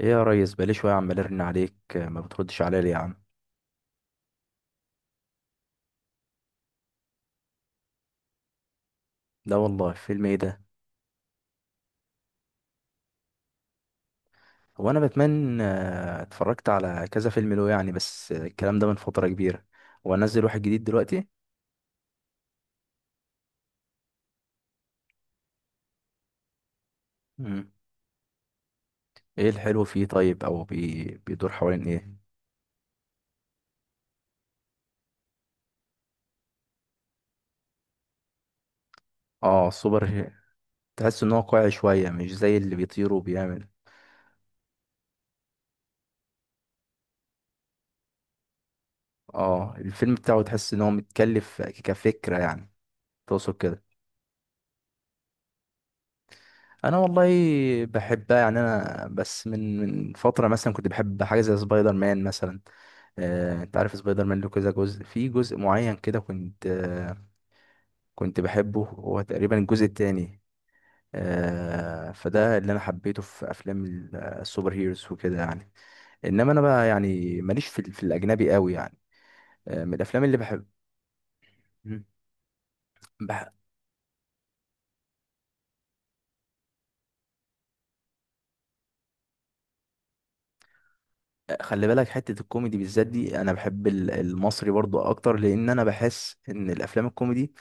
ايه يا ريس، بقالي شويه عمال ارن عليك، ما بتردش عليا ليه يا عم؟ لا والله، فيلم ايه ده؟ هو انا بتمنى، اتفرجت على كذا فيلم له يعني، بس الكلام ده من فتره كبيره. وانزل واحد جديد دلوقتي؟ مم. ايه الحلو فيه؟ طيب، بيدور حوالين ايه؟ اه، السوبر هي- تحس ان هو واقعي شويه، مش زي اللي بيطير وبيعمل. اه، الفيلم بتاعه تحس ان هو متكلف كفكره يعني. تقصد كده؟ انا والله، بحبها يعني، انا بس من فتره مثلا كنت بحب حاجه زي سبايدر مان مثلا. انت عارف سبايدر مان له كذا جزء، في جزء معين كده كنت كنت بحبه هو تقريبا الجزء التاني. فده اللي انا حبيته في افلام السوبر هيروز وكده يعني. انما انا بقى يعني ماليش في الاجنبي قوي يعني. من الافلام اللي... بحب. خلي بالك، حتة الكوميدي بالذات دي أنا بحب المصري برضو أكتر، لأن أنا بحس إن الأفلام الكوميدي...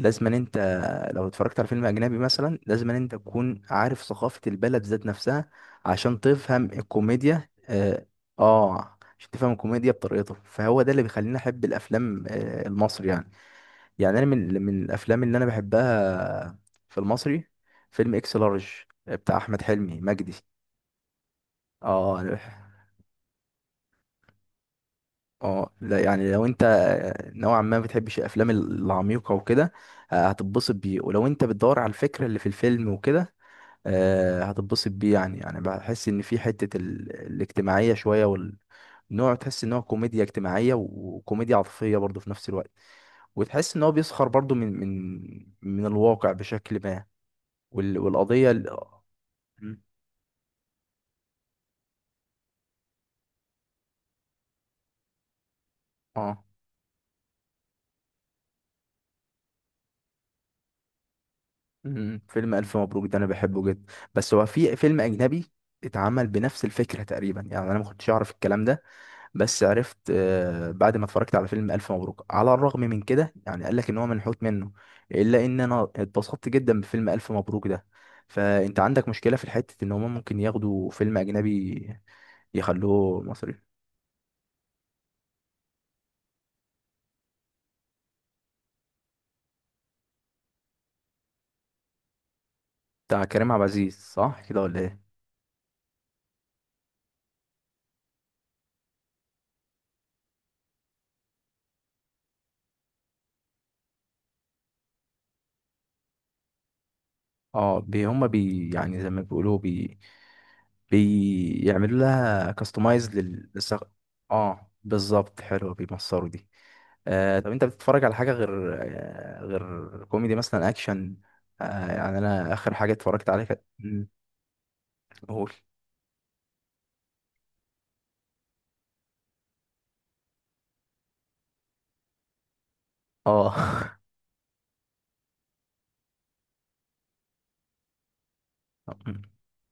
لازم أن أنت... لو اتفرجت على فيلم أجنبي مثلا، لازم أن أنت تكون عارف ثقافة البلد ذات نفسها عشان تفهم الكوميديا. عشان تفهم الكوميديا بطريقته، فهو ده اللي بيخليني أحب الأفلام المصري يعني. يعني أنا من الأفلام اللي أنا بحبها، في المصري، فيلم إكس لارج، بتاع أحمد حلمي مجدي. آه. اه، لا يعني لو انت نوعا ما بتحبش الافلام العميقه وكده، هتتبسط بيه. ولو انت بتدور على الفكره اللي في الفيلم وكده، هتتبسط بيه يعني. بحس ان في حته الاجتماعيه شويه، والنوع تحس ان هو كوميديا اجتماعيه وكوميديا عاطفيه برضه في نفس الوقت. وتحس ان هو بيسخر برضه من الواقع بشكل ما. والقضيه ال... اه. مم. فيلم ألف مبروك ده أنا بحبه جدا، بس هو في فيلم أجنبي اتعمل بنفس الفكرة تقريبا، يعني أنا ما كنتش أعرف الكلام ده. بس عرفت بعد ما اتفرجت على فيلم ألف مبروك، على الرغم من كده يعني قال لك إن هو منحوت منه، إلا إن أنا اتبسطت جدا بفيلم ألف مبروك ده. فأنت عندك مشكلة في حتة إن هما ممكن ياخدوا فيلم أجنبي يخلوه مصري؟ بتاع كريم عبد العزيز، صح كده ولا إيه؟ اه، بي هما بي، يعني زي ما بيقولوا بي، بيعملوا لها كاستمايز للسغ... اه بالظبط، حلوه بيمصروا دي. طب انت بتتفرج على حاجه غير كوميدي، مثلا اكشن؟ يعني انا اخر حاجه اتفرجت عليها كانت. قول. اه.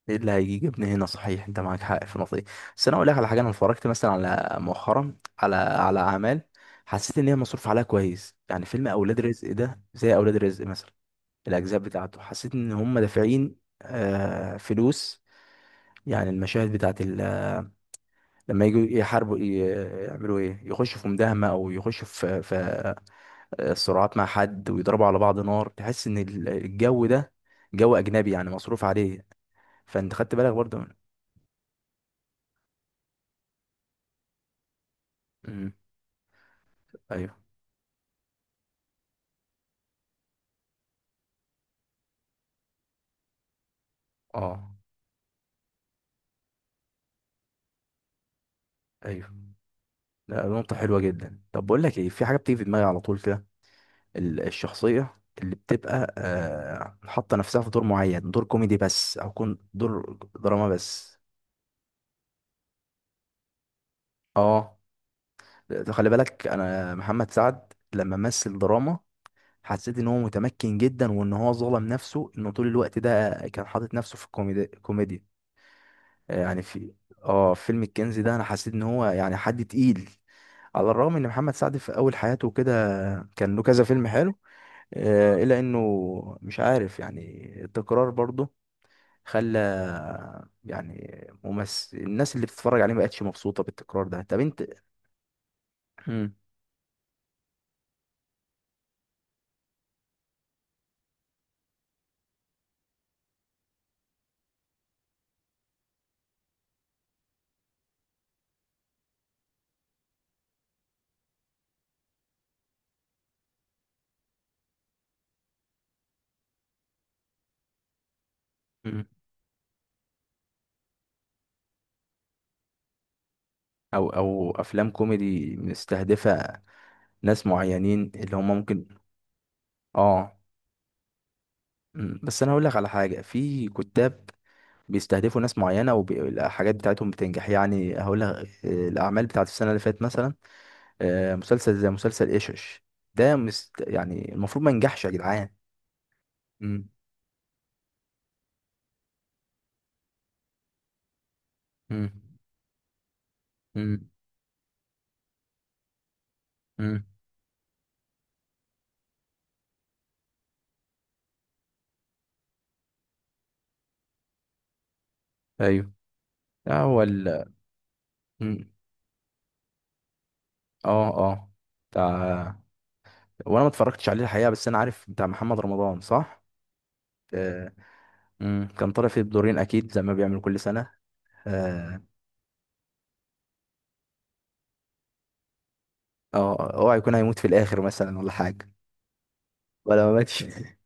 ايه اللي هيجي جبني هنا؟ صحيح، انت معاك حق في النقطه دي. بس انا اقول لك على حاجه، انا اتفرجت مثلا، على مؤخرا على اعمال حسيت ان هي مصروف عليها كويس، يعني فيلم اولاد رزق ده، زي اولاد رزق مثلا. الاجزاء بتاعته، حسيت ان هم دافعين فلوس. يعني المشاهد بتاعت ال... لما يجوا يحاربوا ي- يعملوا ايه، يخشوا في مداهمه او يخشوا في صراعات مع حد ويضربوا على بعض نار، تحس ان الجو ده جو اجنبي يعني، مصروف عليه. فانت خدت بالك برضه من... مم. ايوه. اه. ايوه. لا، نقطه حلوه جدا. طب بقول لك ايه، في حاجه بتيجي في دماغي على طول كده، الشخصية اللي بتبقى حاطة نفسها في دور معين، دور كوميدي بس أو كون دور دراما بس. اه. خلي بالك، أنا محمد سعد لما مثل دراما حسيت إن هو متمكن جدا، وإن هو ظلم نفسه إنه طول الوقت ده كان حاطط نفسه في كوميديا. يعني في... اه، فيلم الكنز ده أنا حسيت إن هو يعني حد تقيل. على الرغم ان محمد سعد في اول حياته كده كان له كذا فيلم حلو، الا انه مش عارف يعني، التكرار برضه خلى، يعني ممثل، الناس اللي بتتفرج عليه ما بقتش مبسوطة بالتكرار ده. طب انت... مم. مم. او افلام كوميدي مستهدفة ناس معينين اللي هم ممكن... اه. مم. بس انا هقول لك على حاجة، في كتاب بيستهدفوا ناس معينة، والحاجات بتاعتهم بتنجح، يعني هقول لك. الأعمال بتاعت السنة اللي فاتت مثلا، مسلسل زي مسلسل إيشش، ده يعني المفروض ما ينجحش يا جدعان. مم. مم. مم. مم. ايوه. هو... مم. اه، اه. بتاع... وانا ما اتفرجتش عليه الحقيقه، بس انا عارف بتاع محمد رمضان، صح؟ آه. مم. كان طالع فيه بدورين اكيد زي ما بيعمل كل سنه. اه. اه، اوعى يكون هيموت في الاخر مثلا ولا حاجه؟ ولا ما ماتش.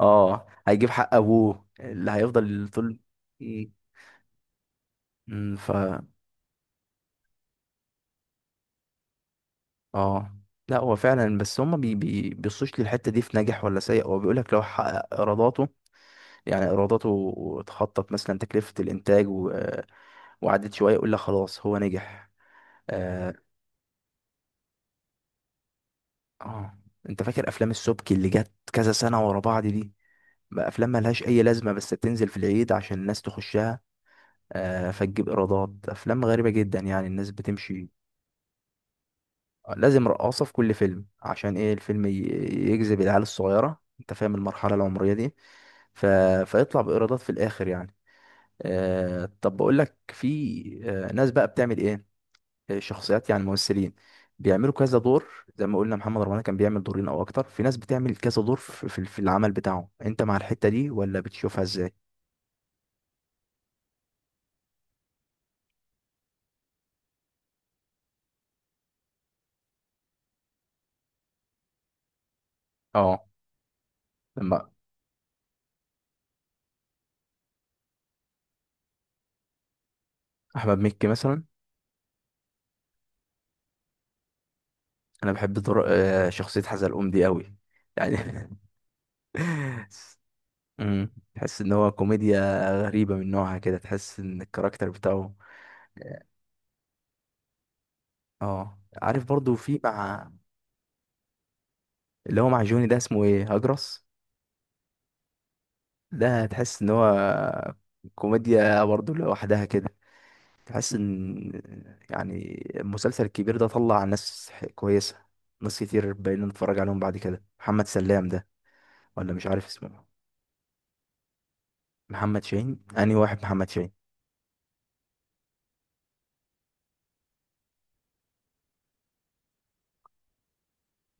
اه، هيجيب حق ابوه اللي هيفضل طول. مم. مم. ف... اه، لا هو فعلا، بس هما بي بي بيبصوش للحته دي في ناجح ولا سيء، هو بيقول لك لو حقق ايراداته، يعني ايراداته تخطط مثلا تكلفه الانتاج، وقعدت شويه يقول لك خلاص هو نجح. اه، آه. انت فاكر افلام السبكي اللي جت كذا سنه ورا بعض دي؟ بقى افلام ملهاش اي لازمه، بس بتنزل في العيد عشان الناس تخشها، فتجيب ايرادات. افلام غريبه جدا يعني، الناس بتمشي. لازم رقاصه في كل فيلم، عشان ايه؟ الفيلم ي- يجذب العيال الصغيره، انت فاهم المرحله العمريه دي. ف... فيطلع بايرادات في الاخر يعني. طب بقول لك، في ناس بقى بتعمل ايه، شخصيات يعني، ممثلين بيعملوا كذا دور. زي ما قلنا محمد رمضان كان بيعمل دورين او اكتر، في ناس بتعمل كذا دور في العمل بتاعه، انت مع الحتة دي ولا بتشوفها ازاي؟ اه، لما احمد مكي مثلا. انا بحب دور شخصية حزلقوم دي قوي يعني. تحس ان هو كوميديا غريبة من نوعها، كده تحس ان الكاركتر بتاعه... اه. آه. عارف برضو، في مع اللي هو مع جوني ده، اسمه ايه؟ هجرس. ده تحس ان هو كوميديا برضو لوحدها كده. تحس ان يعني المسلسل الكبير ده طلع ناس ح- كويسه، ناس كتير بقينا نتفرج عليهم بعد كده. محمد سلام ده، ولا مش عارف اسمه. محمد شاهين؟ انهي واحد محمد شاهين؟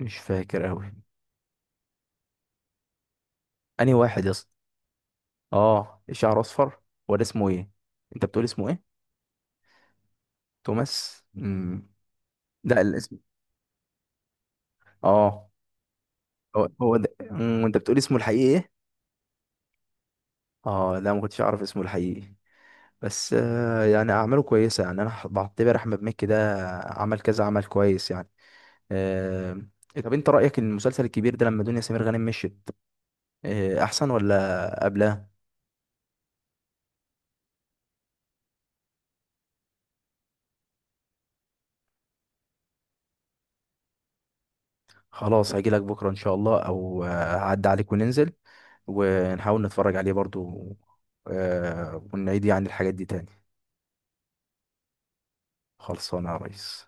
مش فاكر اوي. انهي واحد يا اسطى؟ اه، شعره اصفر، ولا اسمه ايه؟ انت بتقول اسمه ايه؟ توماس. لا، الاسم... اه. هو ده، انت بتقول اسمه الحقيقي ايه؟ اه، لا ما كنتش اعرف اسمه الحقيقي. بس يعني اعماله كويسه، يعني انا بعتبر احمد مكي ده عمل كذا عمل كويس يعني. آه، طب انت رأيك ان المسلسل الكبير ده لما دنيا سمير غانم مشيت، احسن ولا قبلها؟ خلاص، هجيلك بكرة ان شاء الله، او آه، هعدي عليك وننزل ونحاول نتفرج عليه برضو، ونعيد يعني الحاجات دي تاني. خلصانة يا ريس.